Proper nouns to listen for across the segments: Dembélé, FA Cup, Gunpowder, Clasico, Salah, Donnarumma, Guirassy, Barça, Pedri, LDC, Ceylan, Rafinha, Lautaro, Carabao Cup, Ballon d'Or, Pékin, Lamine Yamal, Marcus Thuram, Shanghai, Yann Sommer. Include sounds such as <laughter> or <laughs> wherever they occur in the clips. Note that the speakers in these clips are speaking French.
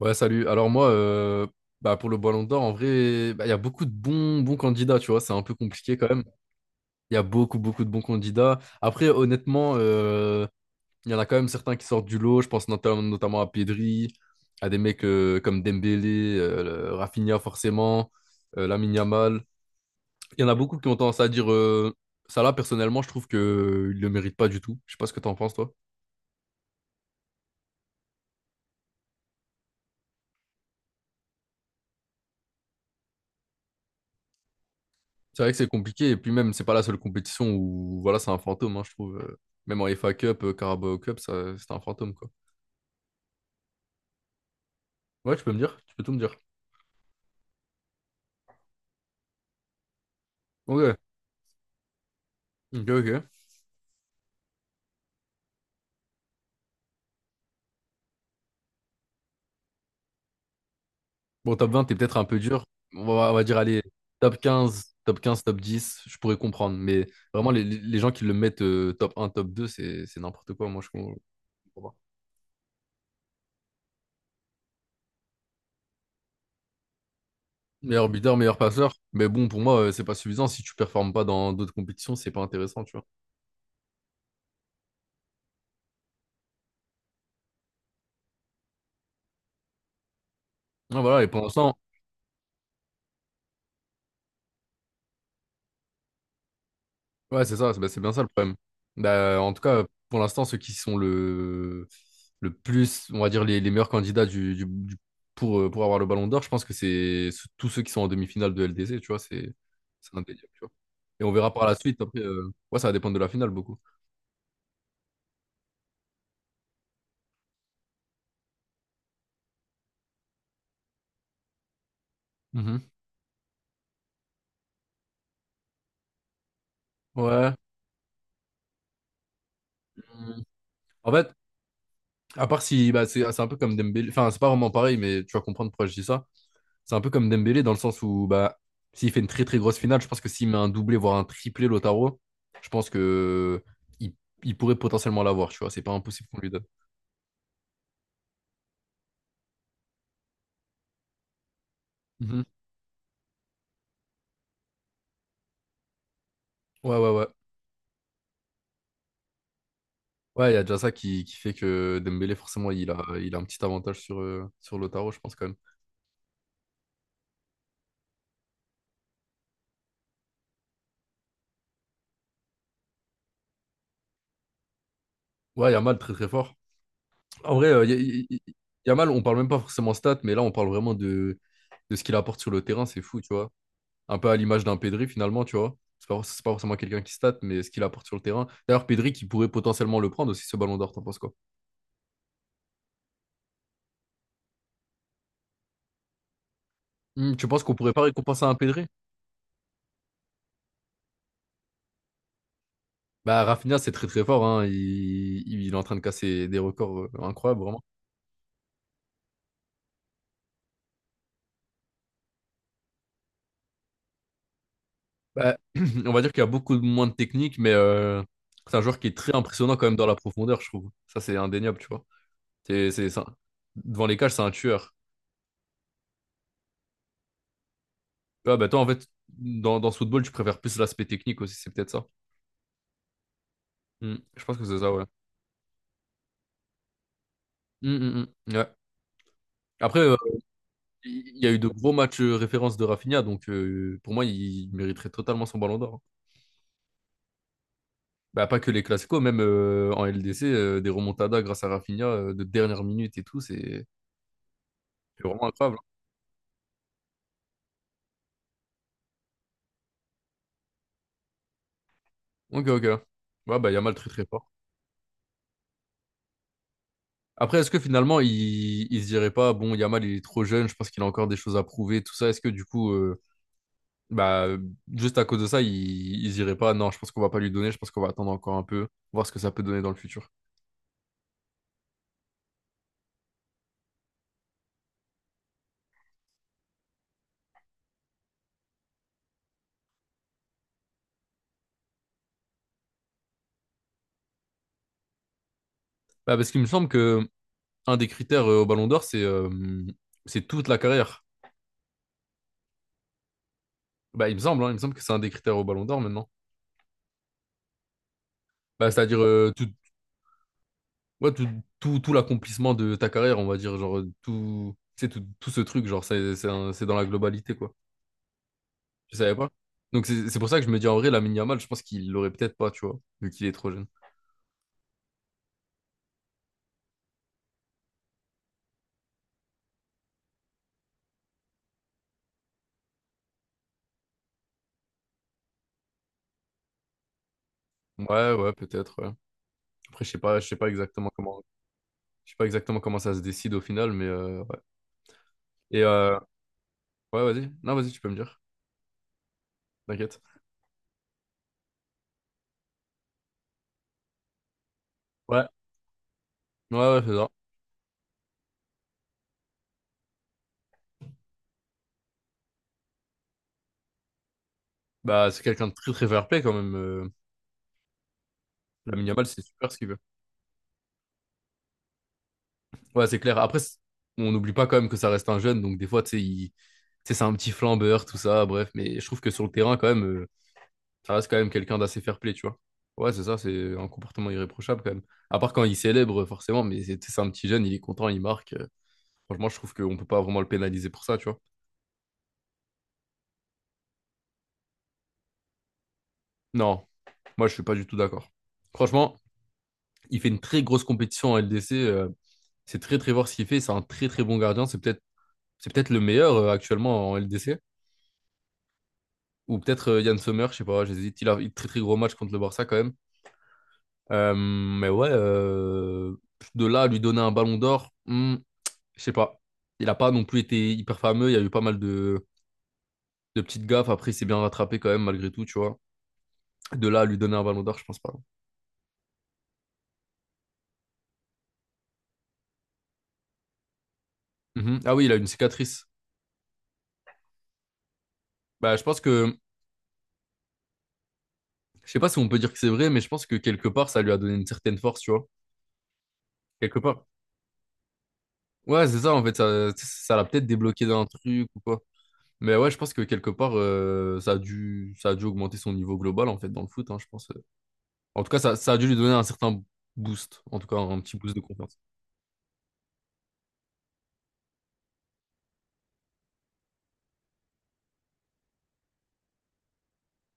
Ouais, salut. Alors moi, bah pour le Ballon d'Or, en vrai, bah, il y a beaucoup de bons candidats, tu vois, c'est un peu compliqué quand même. Il y a beaucoup, beaucoup de bons candidats. Après, honnêtement, il y en a quand même certains qui sortent du lot. Je pense notamment à Pedri, à des mecs comme Dembélé, Rafinha forcément, Lamine Yamal. Il y en a beaucoup qui ont tendance à dire Salah. Personnellement, je trouve que il le mérite pas du tout. Je sais pas ce que t'en penses, toi. C'est vrai que c'est compliqué, et puis même, c'est pas la seule compétition où voilà, c'est un fantôme, hein, je trouve. Même en FA Cup, Carabao Cup, ça, c'est un fantôme, quoi. Ouais, tu peux me dire, tu peux tout me dire. Ok, ok. Bon, top 20, t'es peut-être un peu dur. On va dire, allez, top 15, top 15, top 10, je pourrais comprendre, mais vraiment, les gens qui le mettent top 1, top 2, c'est n'importe quoi, moi, je comprends pas. Meilleur buteur, meilleur passeur, mais bon, pour moi, c'est pas suffisant. Si tu performes pas dans d'autres compétitions, c'est pas intéressant, tu vois. Ah, voilà, et pour l'instant... Ouais, c'est ça, c'est bien ça le problème. Bah, en tout cas, pour l'instant, ceux qui sont le plus, on va dire, les meilleurs candidats pour avoir le Ballon d'Or, je pense que c'est tous ceux qui sont en demi-finale de LDC, tu vois, c'est un délire, tu vois. Et on verra par la suite. Après, ouais, ça va dépendre de la finale beaucoup. Mhm. Ouais. Mm. En fait, à part si, bah, c'est un peu comme Dembélé, enfin, c'est pas vraiment pareil, mais tu vas comprendre pourquoi je dis ça. C'est un peu comme Dembélé dans le sens où bah, s'il fait une très très grosse finale, je pense que s'il met un doublé, voire un triplé Lotaro, je pense que il, il pourrait potentiellement l'avoir, tu vois. C'est pas impossible qu'on lui donne. Mhm. Ouais, ouais, ouais. Ouais, il y a déjà ça qui fait que Dembélé, forcément, il a un petit avantage sur, sur Lautaro, je pense quand même. Ouais, Yamal, très très fort. En vrai, Yamal, on parle même pas forcément stats, mais là, on parle vraiment de ce qu'il apporte sur le terrain, c'est fou, tu vois. Un peu à l'image d'un Pedri, finalement, tu vois. C'est pas forcément quelqu'un qui state, mais ce qu'il apporte sur le terrain. D'ailleurs, Pedri qui pourrait potentiellement le prendre aussi, ce Ballon d'Or, t'en penses quoi? Hmm, tu penses qu'on pourrait pas récompenser un Pedri? Bah, Rafinha, c'est très très fort, hein. Il est en train de casser des records incroyables, vraiment. Bah, <clears throat> on va dire qu'il y a beaucoup moins de technique, mais c'est un joueur qui est très impressionnant quand même dans la profondeur, je trouve. Ça, c'est indéniable, tu vois. C'est ça. Devant les cages, c'est un tueur. Ah, bah, toi, en fait, dans ce football, tu préfères plus l'aspect technique aussi, c'est peut-être ça. Hmm, je pense que c'est ça, ouais. Hmm, hmm, hmm. Ouais. Après, <laughs> il y a eu de gros matchs références de Rafinha, donc pour moi, il mériterait totalement son Ballon d'Or, hein. Bah, pas que les Clasico, même en LDC, des remontadas grâce à Rafinha de dernière minute et tout, c'est vraiment incroyable, hein. Ok, ok. Ouais, bah, Yamal très très fort. Après, est-ce que finalement, il se dirait pas, bon, Yamal, il est trop jeune, je pense qu'il a encore des choses à prouver, tout ça. Est-ce que du coup, bah, juste à cause de ça, il se dirait pas, non, je pense qu'on va pas lui donner, je pense qu'on va attendre encore un peu, voir ce que ça peut donner dans le futur. Bah, parce qu'il me semble que un des critères au Ballon d'Or, c'est toute la carrière. Bah, il me semble, hein, il me semble que c'est un des critères au Ballon d'Or maintenant. Bah, c'est-à-dire ouais, tout, tout l'accomplissement de ta carrière, on va dire, genre tout, tu sais, tout ce truc, genre c'est dans la globalité, quoi. Je savais pas. Donc c'est pour ça que je me dis en vrai, la Yamal, je pense qu'il l'aurait peut-être pas, tu vois, vu qu'il est trop jeune. Ouais, ouais, peut-être, ouais. Après, je sais pas, je sais pas exactement comment ça se décide au final, mais ouais. Et ouais, vas-y. Non, vas-y, tu peux me dire. T'inquiète. Ouais, ouais, ouais, c'est ça. Bah, c'est quelqu'un de très très fair-play quand même. Lamine Yamal, c'est super ce qu'il veut. Ouais, c'est clair. Après, on n'oublie pas quand même que ça reste un jeune, donc des fois, tu sais, il... tu sais, c'est un petit flambeur, tout ça, bref. Mais je trouve que sur le terrain, quand même, ça reste quand même quelqu'un d'assez fair-play, tu vois. Ouais, c'est ça, c'est un comportement irréprochable quand même. À part quand il célèbre, forcément, mais c'est un petit jeune, il est content, il marque. Franchement, je trouve qu'on peut pas vraiment le pénaliser pour ça, tu vois. Non, moi, je suis pas du tout d'accord. Franchement, il fait une très grosse compétition en LDC. C'est très, très voir ce qu'il fait. C'est un très, très bon gardien. C'est peut-être le meilleur actuellement en LDC. Ou peut-être Yann Sommer, je sais pas, j'hésite. Il a eu très, très gros match contre le Barça quand même. Mais ouais, de là à lui donner un ballon d'or, hmm, je sais pas. Il a pas non plus été hyper fameux. Il y a eu pas mal de petites gaffes. Après, il s'est bien rattrapé quand même, malgré tout, tu vois. De là à lui donner un ballon d'or, je pense pas. Mhm. Ah oui, il a une cicatrice. Bah, je sais pas si on peut dire que c'est vrai, mais je pense que quelque part, ça lui a donné une certaine force, tu vois. Quelque part. Ouais, c'est ça, en fait, ça l'a peut-être débloqué d'un truc ou quoi. Mais ouais, je pense que quelque part, ça a dû augmenter son niveau global, en fait, dans le foot, hein, je pense. En tout cas, ça a dû lui donner un certain boost, en tout cas, un petit boost de confiance.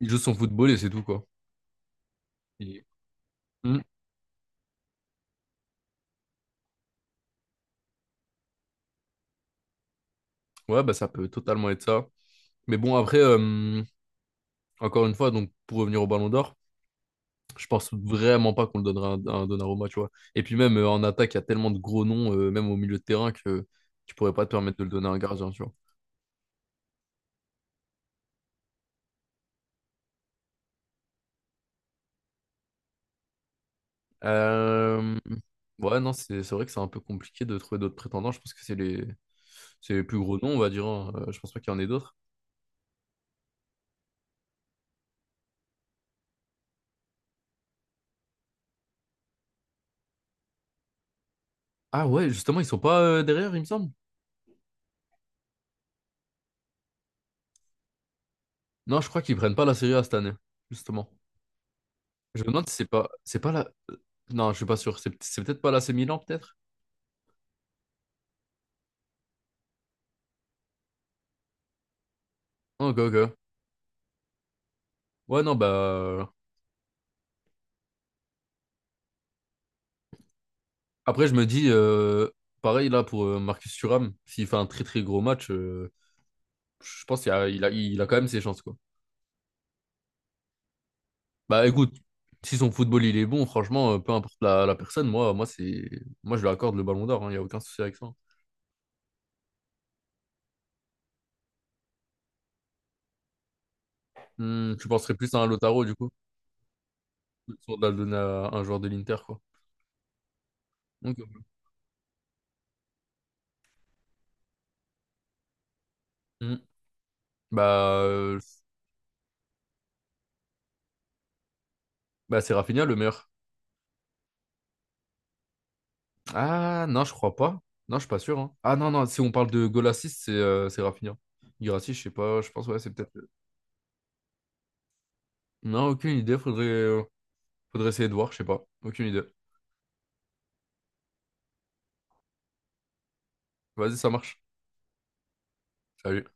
Il joue son football et c'est tout, quoi. Et- Hmm. Ouais, bah, ça peut totalement être ça. Mais bon, après, encore une fois, donc, pour revenir au Ballon d'Or. Je pense vraiment pas qu'on le donnera à un Donnarumma, tu vois. Et puis même en attaque, il y a tellement de gros noms, même au milieu de terrain, que tu pourrais pas te permettre de le donner à un gardien, tu vois. Euh, Ouais, non, c'est vrai que c'est un peu compliqué de trouver d'autres prétendants. Je pense que c'est les plus gros noms, on va dire, hein. Je pense pas qu'il y en ait d'autres. Ah ouais, justement, ils sont pas derrière, il me semble. Non, je crois qu'ils prennent pas la Serie A cette année, justement. Je me demande si c'est pas... C'est pas la... non, je suis pas sûr. C'est peut-être pas l'AC Milan, peut-être? Ok, ok. Ouais, non, bah... Après, je me dis, pareil là pour Marcus Thuram, s'il fait un très très gros match, je pense qu'il a, il a, il a quand même ses chances, quoi. Bah écoute, si son football il est bon, franchement, peu importe la personne, moi je lui accorde le ballon d'or, hein, il n'y a aucun souci avec ça, hein. Hmm, tu penserais plus à un Lautaro du coup, plutôt de la donner à un joueur de l'Inter, quoi. Donc, hmm, bah, euh, bah c'est Rafinha le meilleur. Ah non, je crois pas. Non, je suis pas sûr, hein. Ah non, non, si on parle de goal assist, c'est Rafinha. Guirassy, je sais pas, je pense, ouais, c'est peut-être. Non, aucune idée. Faudrait, faudrait essayer de voir, je sais pas. Aucune idée. Vas-y, ça marche. Salut.